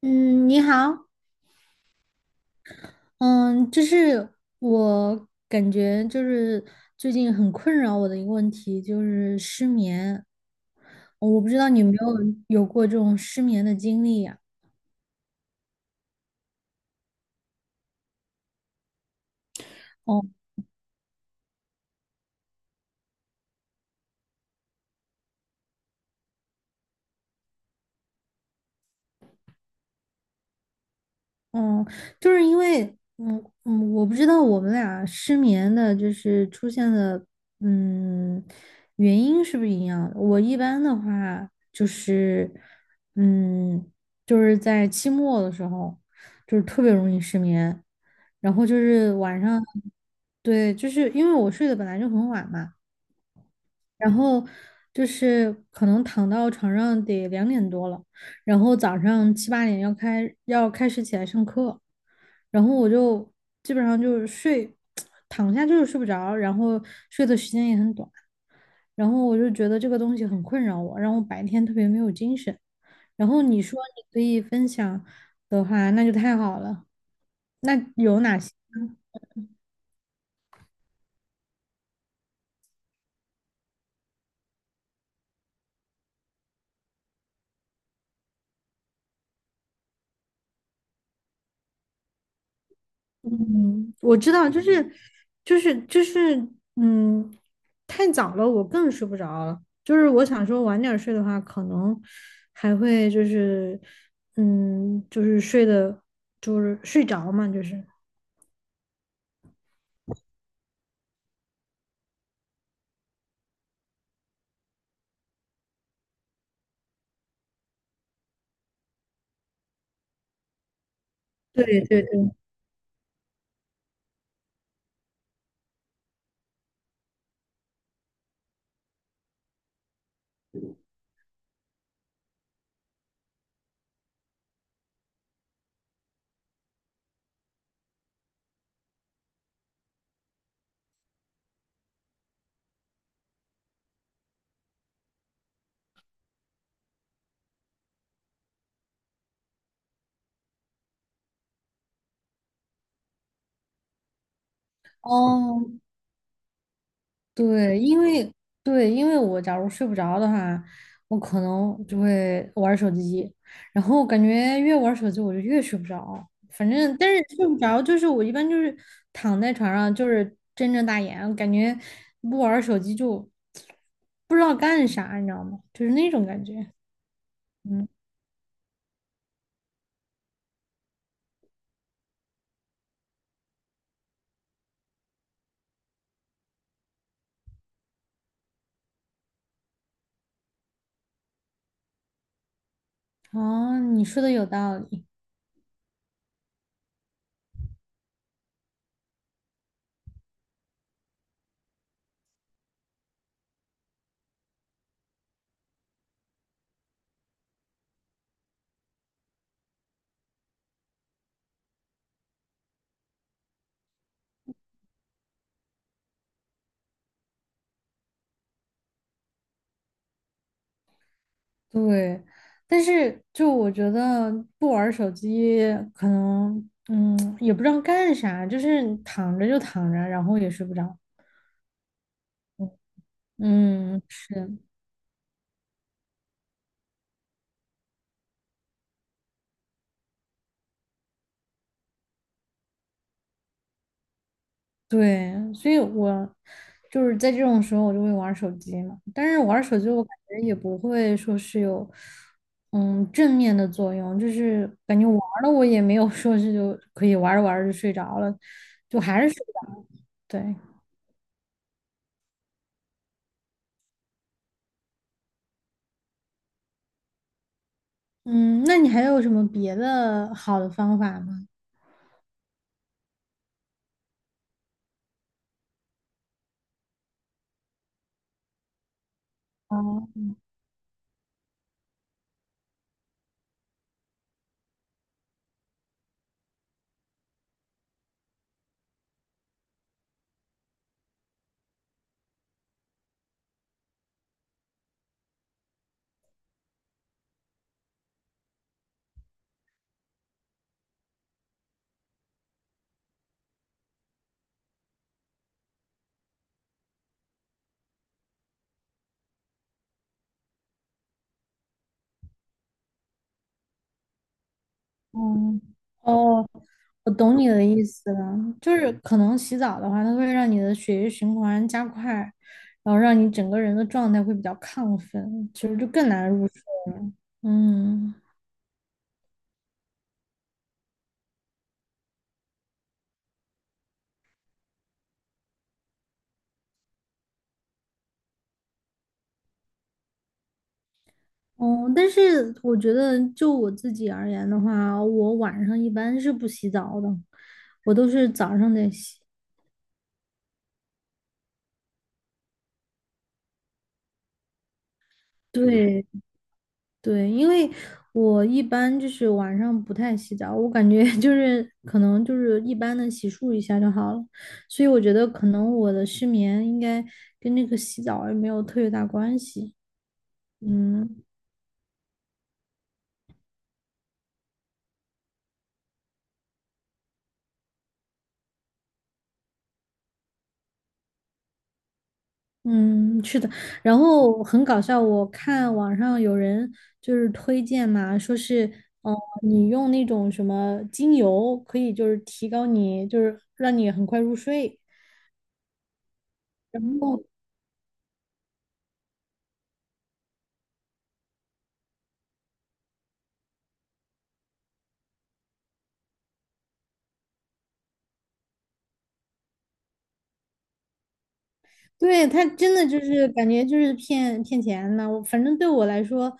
嗯，你好，嗯，就是我感觉就是最近很困扰我的一个问题就是失眠，哦我不知道你有没有有过这种失眠的经历呀？嗯，就是因为，我不知道我们俩失眠的，就是出现的，嗯，原因是不是一样的？我一般的话就是，嗯，就是在期末的时候，就是特别容易失眠。然后就是晚上，对，就是因为我睡得本来就很晚嘛，然后就是可能躺到床上得2点多了，然后早上7、8点要开始起来上课，然后我就基本上就是睡，躺下就是睡不着，然后睡的时间也很短，然后我就觉得这个东西很困扰我，让我白天特别没有精神。然后你说你可以分享的话，那就太好了。那有哪些？嗯，我知道，就是，嗯，太早了，我更睡不着了。就是我想说晚点儿睡的话，可能还会就是，就是睡的，就是睡着嘛，就是。对对对。哦，对，因为对，因为我假如睡不着的话，我可能就会玩儿手机，然后感觉越玩儿手机我就越睡不着。反正，但是睡不着就是我一般就是躺在床上就是睁着大眼，感觉不玩儿手机就不知道干啥，你知道吗？就是那种感觉。嗯，哦，你说的有道理。对，但是就我觉得不玩儿手机，可能也不知道干啥，就是躺着就躺着，然后也睡不着。嗯，是，对，所以我就是在这种时候我就会玩儿手机嘛，但是玩儿手机我感觉也不会说是有正面的作用，就是感觉玩儿了我也没有说是就可以玩儿着玩儿着就睡着了，就还是睡不着。对，嗯，那你还有什么别的好的方法吗？哦，嗯，哦，我懂你的意思了，就是可能洗澡的话，它会让你的血液循环加快，然后让你整个人的状态会比较亢奋，其实就更难入睡。嗯，哦，但是我觉得就我自己而言的话，我晚上一般是不洗澡的，我都是早上得洗。对，对，因为我一般就是晚上不太洗澡，我感觉 就是可能就是一般的洗漱一下就好了，所以我觉得可能我的失眠应该跟那个洗澡也没有特别大关系。嗯嗯，是的。然后很搞笑，我看网上有人就是推荐嘛，说是哦，你用那种什么精油可以就是提高你，就是让你很快入睡。然后对，他真的就是感觉就是骗骗钱的，我反正对我来说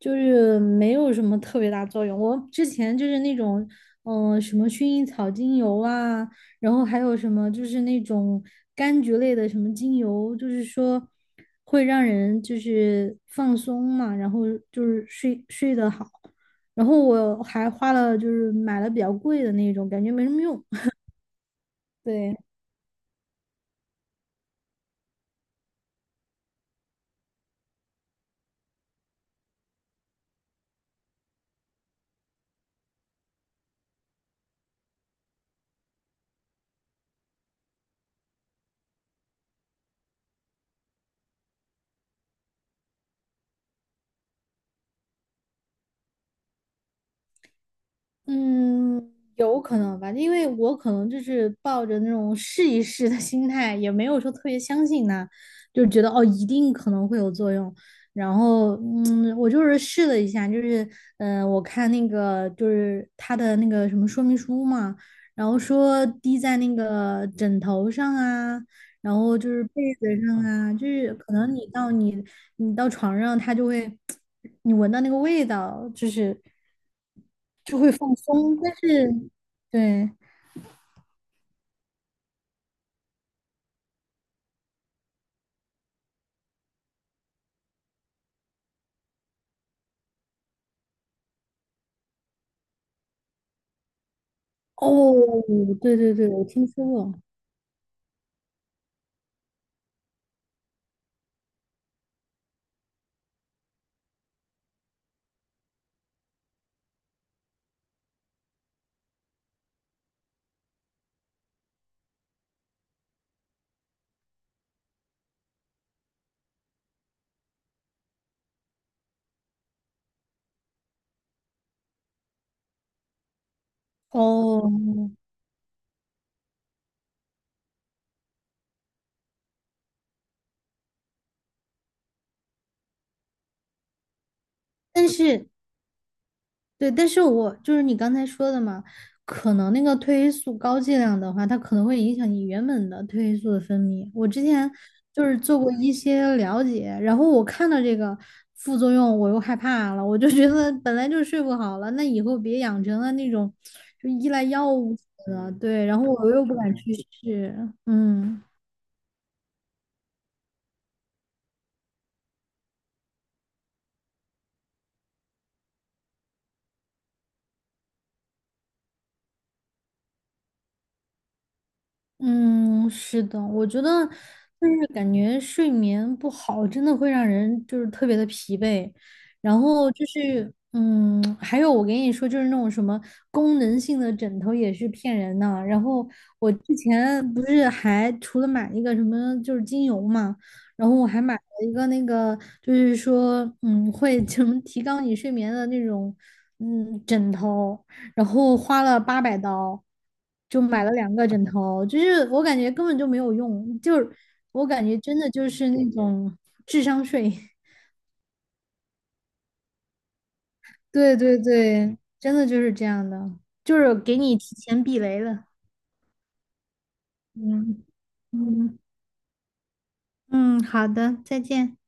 就是没有什么特别大作用。我之前就是那种什么薰衣草精油啊，然后还有什么就是那种柑橘类的什么精油，就是说会让人就是放松嘛，然后就是睡睡得好。然后我还花了就是买了比较贵的那种，感觉没什么用。对。嗯，有可能吧，因为我可能就是抱着那种试一试的心态，也没有说特别相信它，就觉得哦，一定可能会有作用。然后，我就是试了一下，就是，我看那个就是它的那个什么说明书嘛，然后说滴在那个枕头上啊，然后就是被子上啊，就是可能你到床上，它就会 你闻到那个味道，就是。就会放松。但是，对，哦，对对对，我听说过。哦，但是对，但是我就是你刚才说的嘛，可能那个褪黑素高剂量的话，它可能会影响你原本的褪黑素的分泌。我之前就是做过一些了解，然后我看到这个副作用，我又害怕了，我就觉得本来就睡不好了，那以后别养成了那种就依赖药物的，对，然后我又不敢去试，嗯。嗯，是的，我觉得就是感觉睡眠不好，真的会让人就是特别的疲惫。然后就是，还有我跟你说，就是那种什么功能性的枕头也是骗人的。然后我之前不是还除了买一个什么就是精油嘛，然后我还买了一个那个就是说，会 什么提高你睡眠的那种，枕头。然后花了800刀，就买了两个枕头，就是我感觉根本就没有用，就是我感觉真的就是那种智商税。对对对，真的就是这样的，就是给你提前避雷了。嗯嗯嗯，好的，再见。